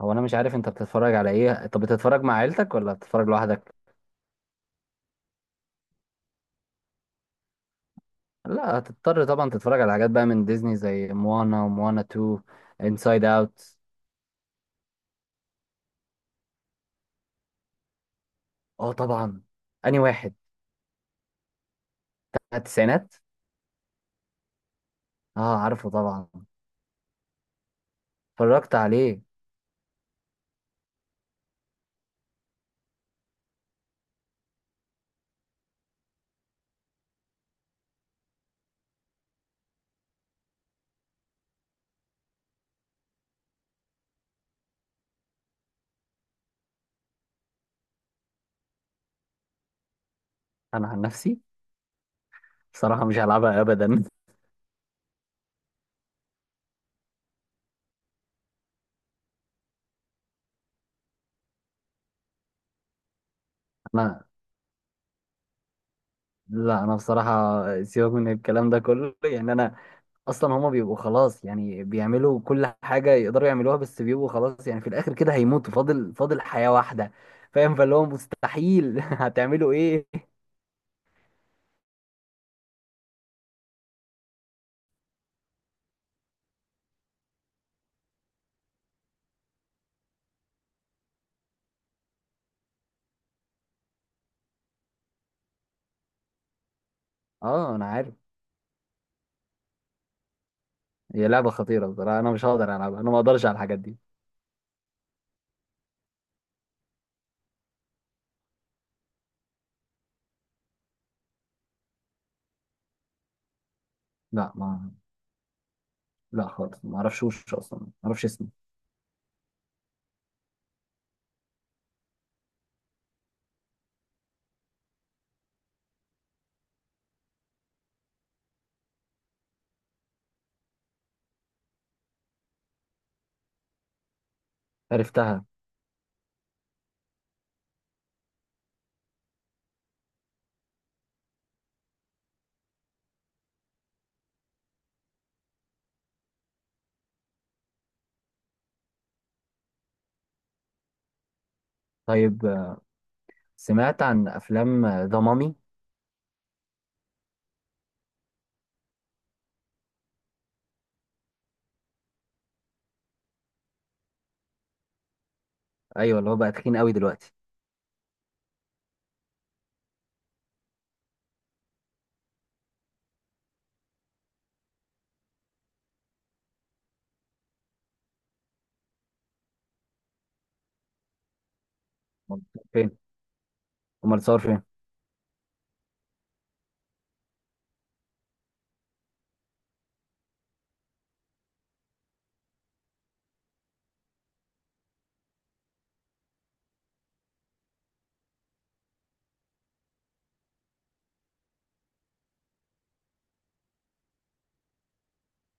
هو انا مش عارف انت بتتفرج على ايه؟ طب بتتفرج مع عيلتك ولا بتتفرج لوحدك؟ لا، هتضطر طبعا تتفرج على حاجات بقى من ديزني زي موانا وموانا 2، انسايد اوت. اه طبعا. اني واحد؟ بتاع التسعينات. اه، عارفه طبعا. اتفرجت عليه. انا عن نفسي بصراحة مش هلعبها ابدا انا لا، انا بصراحة سيبك من الكلام ده كله يعني. انا اصلا هما بيبقوا خلاص، يعني بيعملوا كل حاجه يقدروا يعملوها، بس بيبقوا خلاص يعني في الاخر كده هيموتوا. فاضل حياه واحده، فاهم؟ فاللي هو مستحيل هتعملوا ايه. اه انا عارف. هي لعبه خطيره بصراحه، انا مش هقدر العبها، انا ما اقدرش على الحاجات دي. لا، ما، لا خالص ما اعرفش. وش اصلا ما اعرفش اسمه. عرفتها. طيب. سمعت عن افلام ذا مامي؟ ايوه، اللي هو بقى تخين قوي دلوقتي. أمال فين؟ امال صور فين؟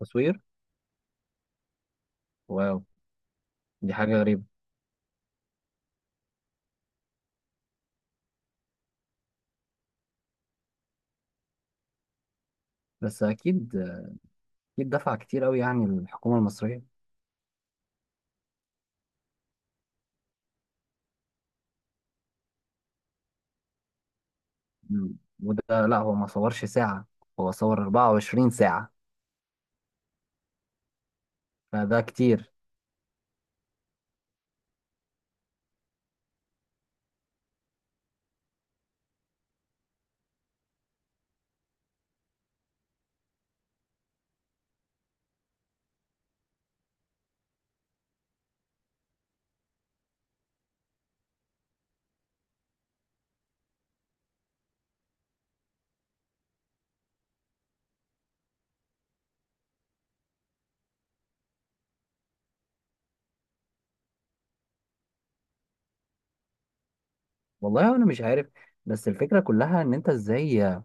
تصوير. واو، دي حاجه غريبه. بس اكيد. أكيد دفع كتير أوي يعني الحكومة المصرية. مم. وده لا، هو ما صورش ساعة، هو صور 24 ساعة. فده كتير. والله أنا مش عارف. بس الفكرة كلها إن أنت إزاي،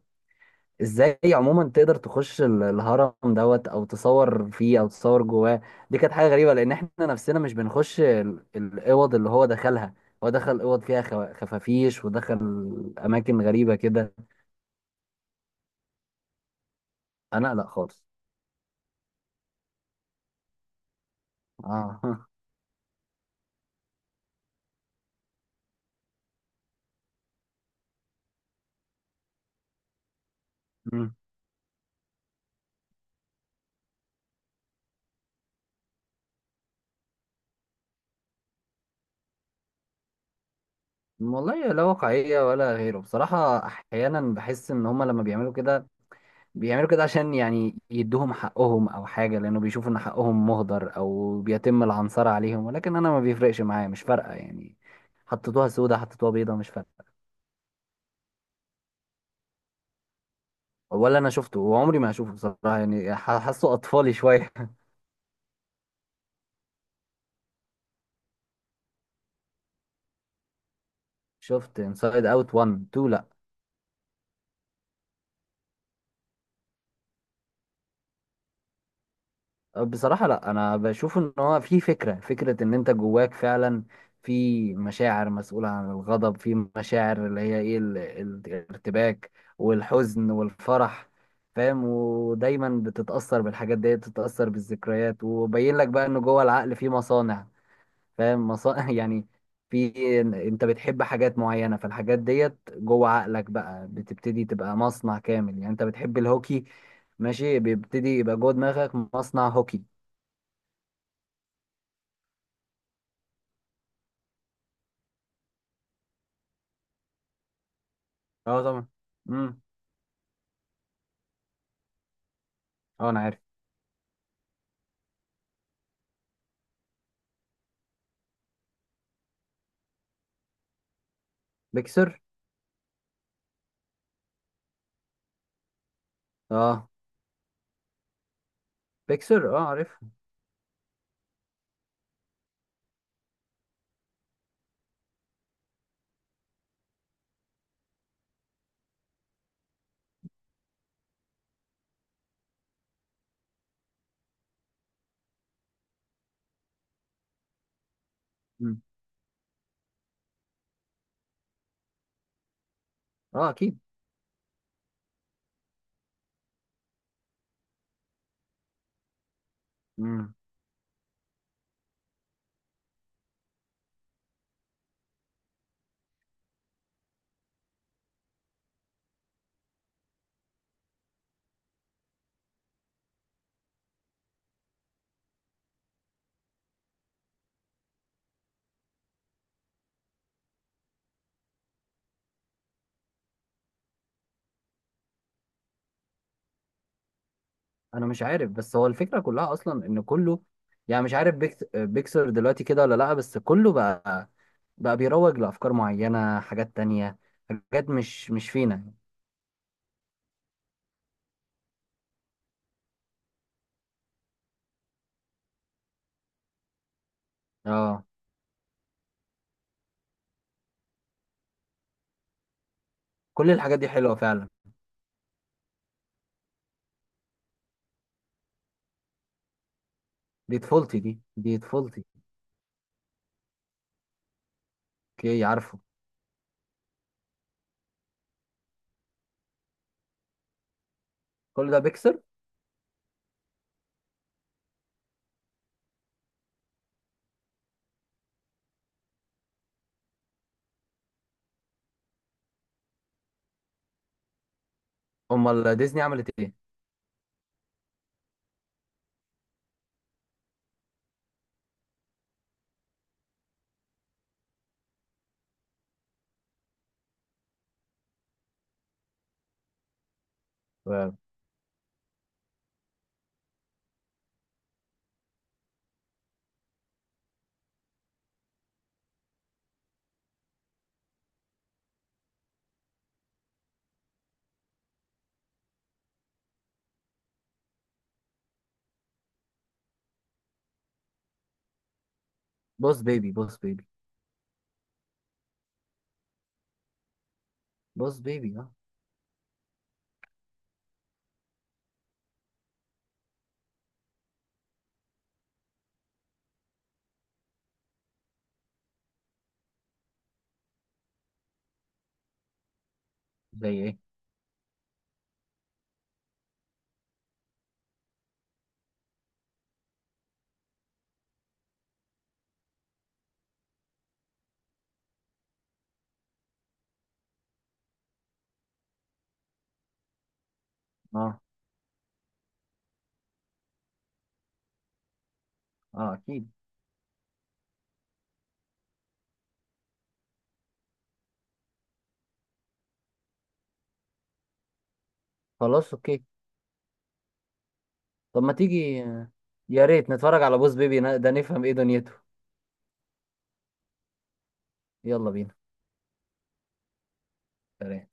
عموما تقدر تخش الهرم دوت، أو تصور فيه، أو تصور جواه. دي كانت حاجة غريبة، لأن إحنا نفسنا مش بنخش الأوض اللي هو دخلها. هو دخل أوض فيها خفافيش، ودخل أماكن غريبة كده. أنا لا خالص. آه. والله لا واقعية ولا غيره بصراحة. أحيانا بحس إن هما لما بيعملوا كده بيعملوا كده عشان يعني يدوهم حقهم أو حاجة، لأنه بيشوفوا إن حقهم مهدر أو بيتم العنصرة عليهم، ولكن أنا ما بيفرقش معايا، مش فارقة يعني. حطيتوها سودة، حطيتوها بيضة، مش فارقة. ولا أنا شفته، وعمري ما هشوفه بصراحة يعني. حاسه أطفالي شوية. شفت انسايد أوت 1، 2، لأ. بصراحة لا، أنا بشوف إن هو في فكرة، فكرة إن أنت جواك فعلا في مشاعر مسؤولة عن الغضب، في مشاعر اللي هي إيه، الارتباك والحزن والفرح، فاهم؟ ودايما بتتأثر بالحاجات دي، بتتأثر بالذكريات، وبين لك بقى إن جوه العقل في مصانع، فاهم؟ مصانع يعني. في أنت بتحب حاجات معينة، فالحاجات ديت جوه عقلك بقى بتبتدي تبقى مصنع كامل. يعني أنت بتحب الهوكي، ماشي، بيبتدي يبقى جوه دماغك مصنع هوكي. اه طبعا. امم. اه انا عارف. بيكسر. اه، بيكسر اه، عارف. امم. اه اكيد. امم. انا مش عارف، بس هو الفكره كلها اصلا ان كله، يعني مش عارف بيكسر دلوقتي كده ولا لا. بس كله بقى بيروج لافكار معينه، حاجات تانية، حاجات مش فينا. اه، كل الحاجات دي حلوه فعلا. دي طفولتي، دي طفولتي. اوكي عارفه. كل ده بيكسر. امال ديزني عملت ايه؟ بوس بيبي، بوس بيبي اه. زي ايه؟ اه. اه اكيد. خلاص اوكي. طب ما تيجي، يا ريت نتفرج على بوس بيبي ده نفهم ايه دنيته. يلا بينا. سلام.